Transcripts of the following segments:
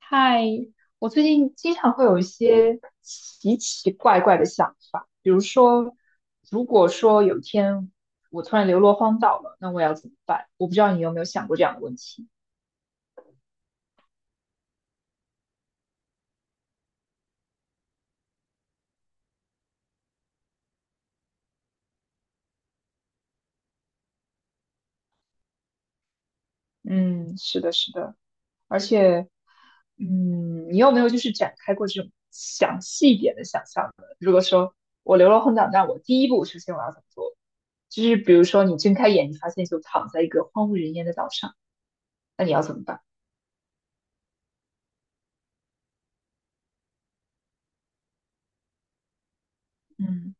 嗨，我最近经常会有一些奇奇怪怪的想法，比如说，如果说有一天我突然流落荒岛了，那我要怎么办？我不知道你有没有想过这样的问题。嗯，是的，是的，而且，你有没有就是展开过这种详细一点的想象呢？如果说我流落荒岛，那我第一步首先我要怎么做？就是比如说你睁开眼，你发现就躺在一个荒无人烟的岛上，那你要怎么办？嗯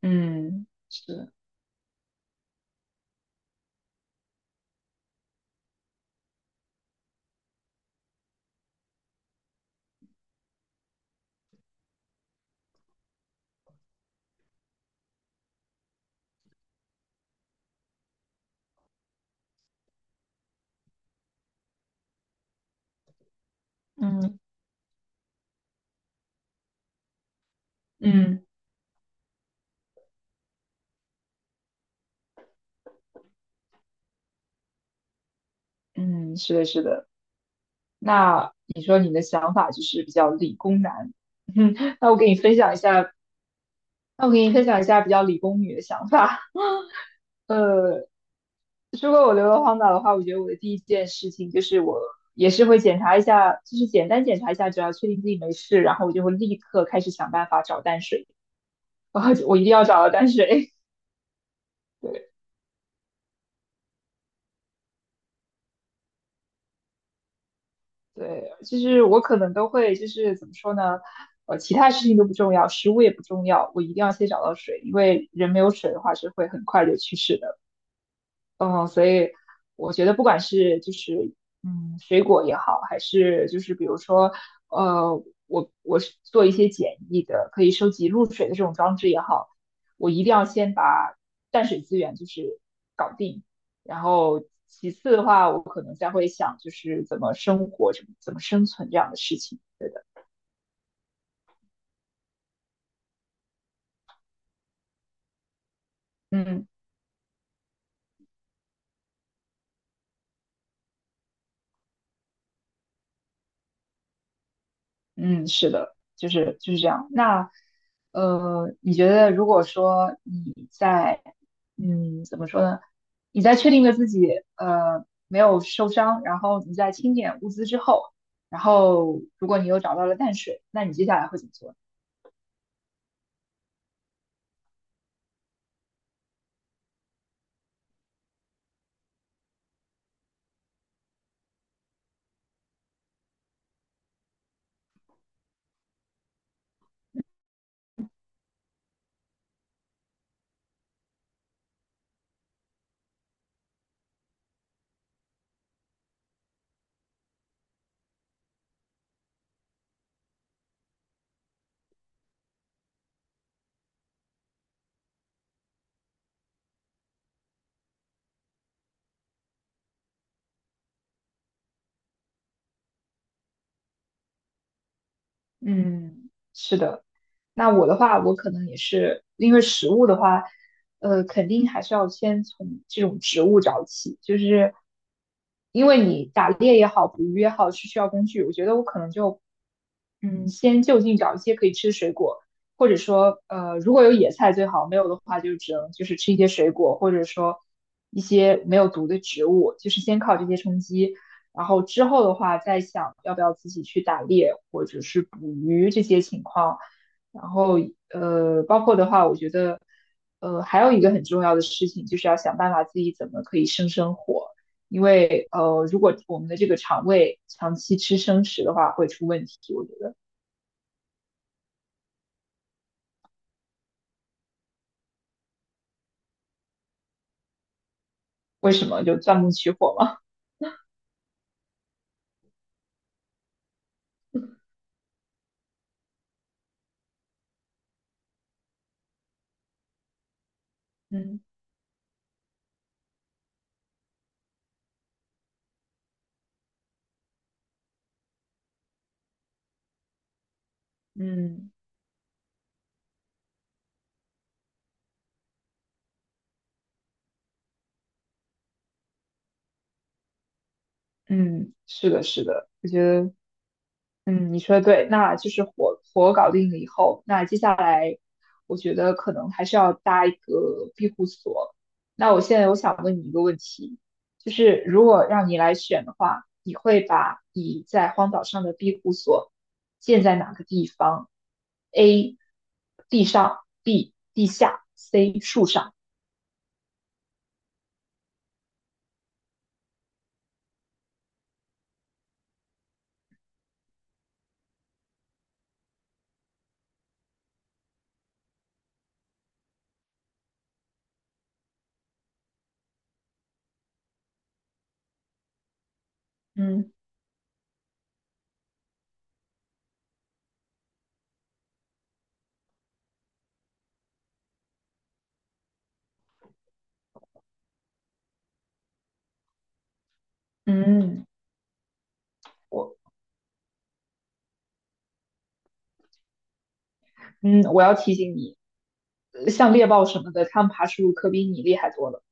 嗯，是，嗯嗯嗯，是的，是的。那你说你的想法就是比较理工男，嗯那我给你分享一下，那我给你分享一下比较理工女的想法。呃，如果我流落荒岛的话，我觉得我的第一件事情就是我也是会检查一下，就是简单检查一下，只要确定自己没事，然后我就会立刻开始想办法找淡水，然后我一定要找到淡水。对，就是我可能都会，就是怎么说呢？其他事情都不重要，食物也不重要，我一定要先找到水，因为人没有水的话是会很快就去世的。嗯，所以我觉得不管是就是水果也好，还是就是比如说我是做一些简易的可以收集露水的这种装置也好，我一定要先把淡水资源就是搞定，然后其次的话，我可能再会想就是怎么生活，怎么生存这样的事情。嗯。嗯，是的，就是这样。那你觉得如果说你在怎么说呢？你在确定了自己没有受伤，然后你在清点物资之后，然后如果你又找到了淡水，那你接下来会怎么做呢？嗯，是的。那我的话，我可能也是因为食物的话，肯定还是要先从这种植物找起，就是因为你打猎也好，捕鱼也好，是需要工具。我觉得我可能就，先就近找一些可以吃的水果，或者说，如果有野菜最好，没有的话就只能就是吃一些水果，或者说一些没有毒的植物，就是先靠这些充饥。然后之后的话，再想要不要自己去打猎或者是捕鱼这些情况。然后包括的话，我觉得还有一个很重要的事情，就是要想办法自己怎么可以生火，因为如果我们的这个肠胃长期吃生食的话，会出问题。我觉得为什么就钻木取火嘛？嗯嗯嗯，是的，是的，我觉得你说的对，那就是火搞定了以后，那接下来我觉得可能还是要搭一个庇护所。那我现在我想问你一个问题，就是如果让你来选的话，你会把你在荒岛上的庇护所建在哪个地方？A. 地上，B. 地下，C. 树上。嗯嗯，我嗯我要提醒你，像猎豹什么的，它们爬树可比你厉害多了。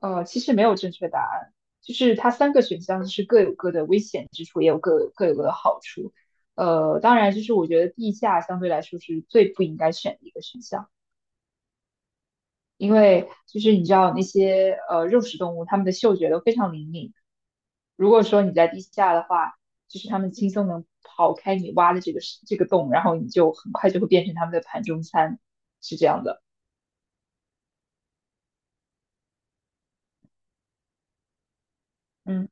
其实没有正确答案，就是它三个选项是各有各的危险之处，也有各有各的好处。当然，就是我觉得地下相对来说是最不应该选的一个选项，因为就是你知道那些肉食动物，它们的嗅觉都非常灵敏。如果说你在地下的话，就是它们轻松能刨开你挖的这个洞，然后你就很快就会变成它们的盘中餐，是这样的。嗯，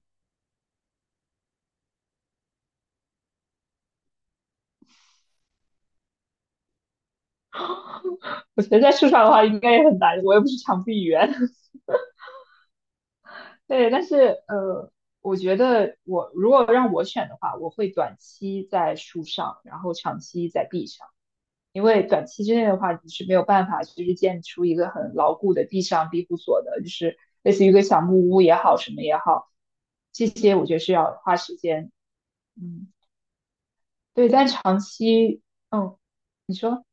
我觉得在树上的话应该也很难，我又不是长臂猿。对，但是我觉得我如果让我选的话，我会短期在树上，然后长期在壁上，因为短期之内的话，你是没有办法就是建出一个很牢固的地上庇护所的，就是类似于一个小木屋也好，什么也好，这些我觉得是要花时间。嗯，对，但长期，嗯，你说。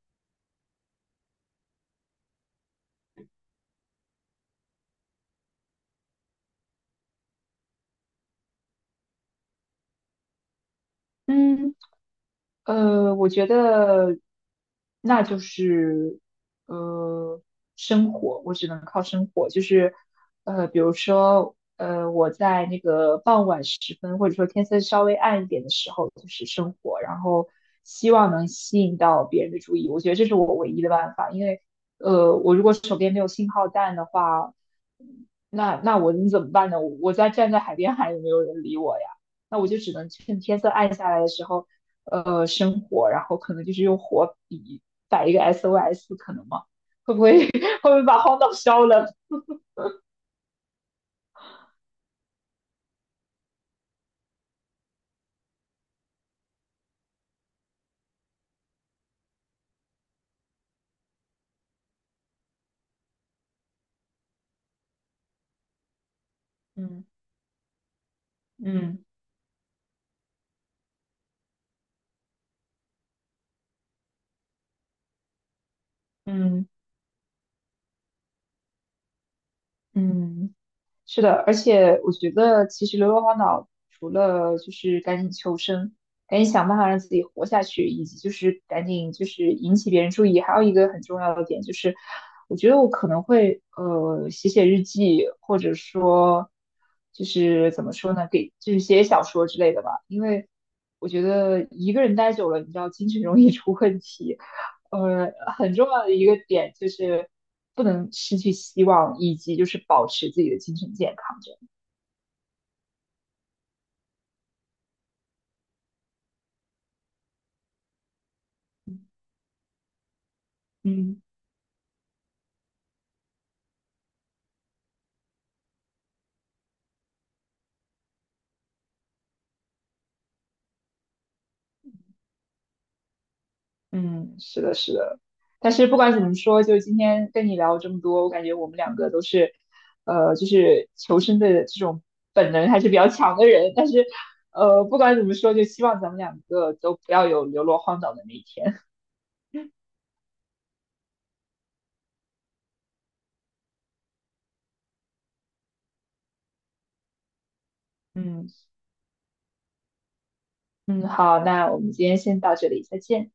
嗯。我觉得那就是呃生活，我只能靠生活，就是比如说我在那个傍晚时分，或者说天色稍微暗一点的时候，就是生活，然后希望能吸引到别人的注意，我觉得这是我唯一的办法，因为我如果手边没有信号弹的话，那我能怎么办呢？我在站在海边喊，也没有人理我呀，那我就只能趁天色暗下来的时候。生活，然后可能就是用火笔摆一个 SOS，可能吗？会不会 会不会把荒岛烧了？嗯嗯嗯嗯，是的，而且我觉得其实流浪荒岛除了就是赶紧求生，赶紧想办法让自己活下去，以及就是赶紧就是引起别人注意。还有一个很重要的点就是，我觉得我可能会写写日记，或者说就是怎么说呢，给就是写写小说之类的吧。因为我觉得一个人待久了，你知道精神容易出问题。呃，很重要的一个点就是不能失去希望，以及就是保持自己的精神健康。这样，嗯。嗯，是的，是的。但是不管怎么说，就今天跟你聊这么多，我感觉我们两个都是，就是求生的这种本能还是比较强的人。但是，不管怎么说，就希望咱们两个都不要有流落荒岛的那一天。嗯嗯，好，那我们今天先到这里，再见。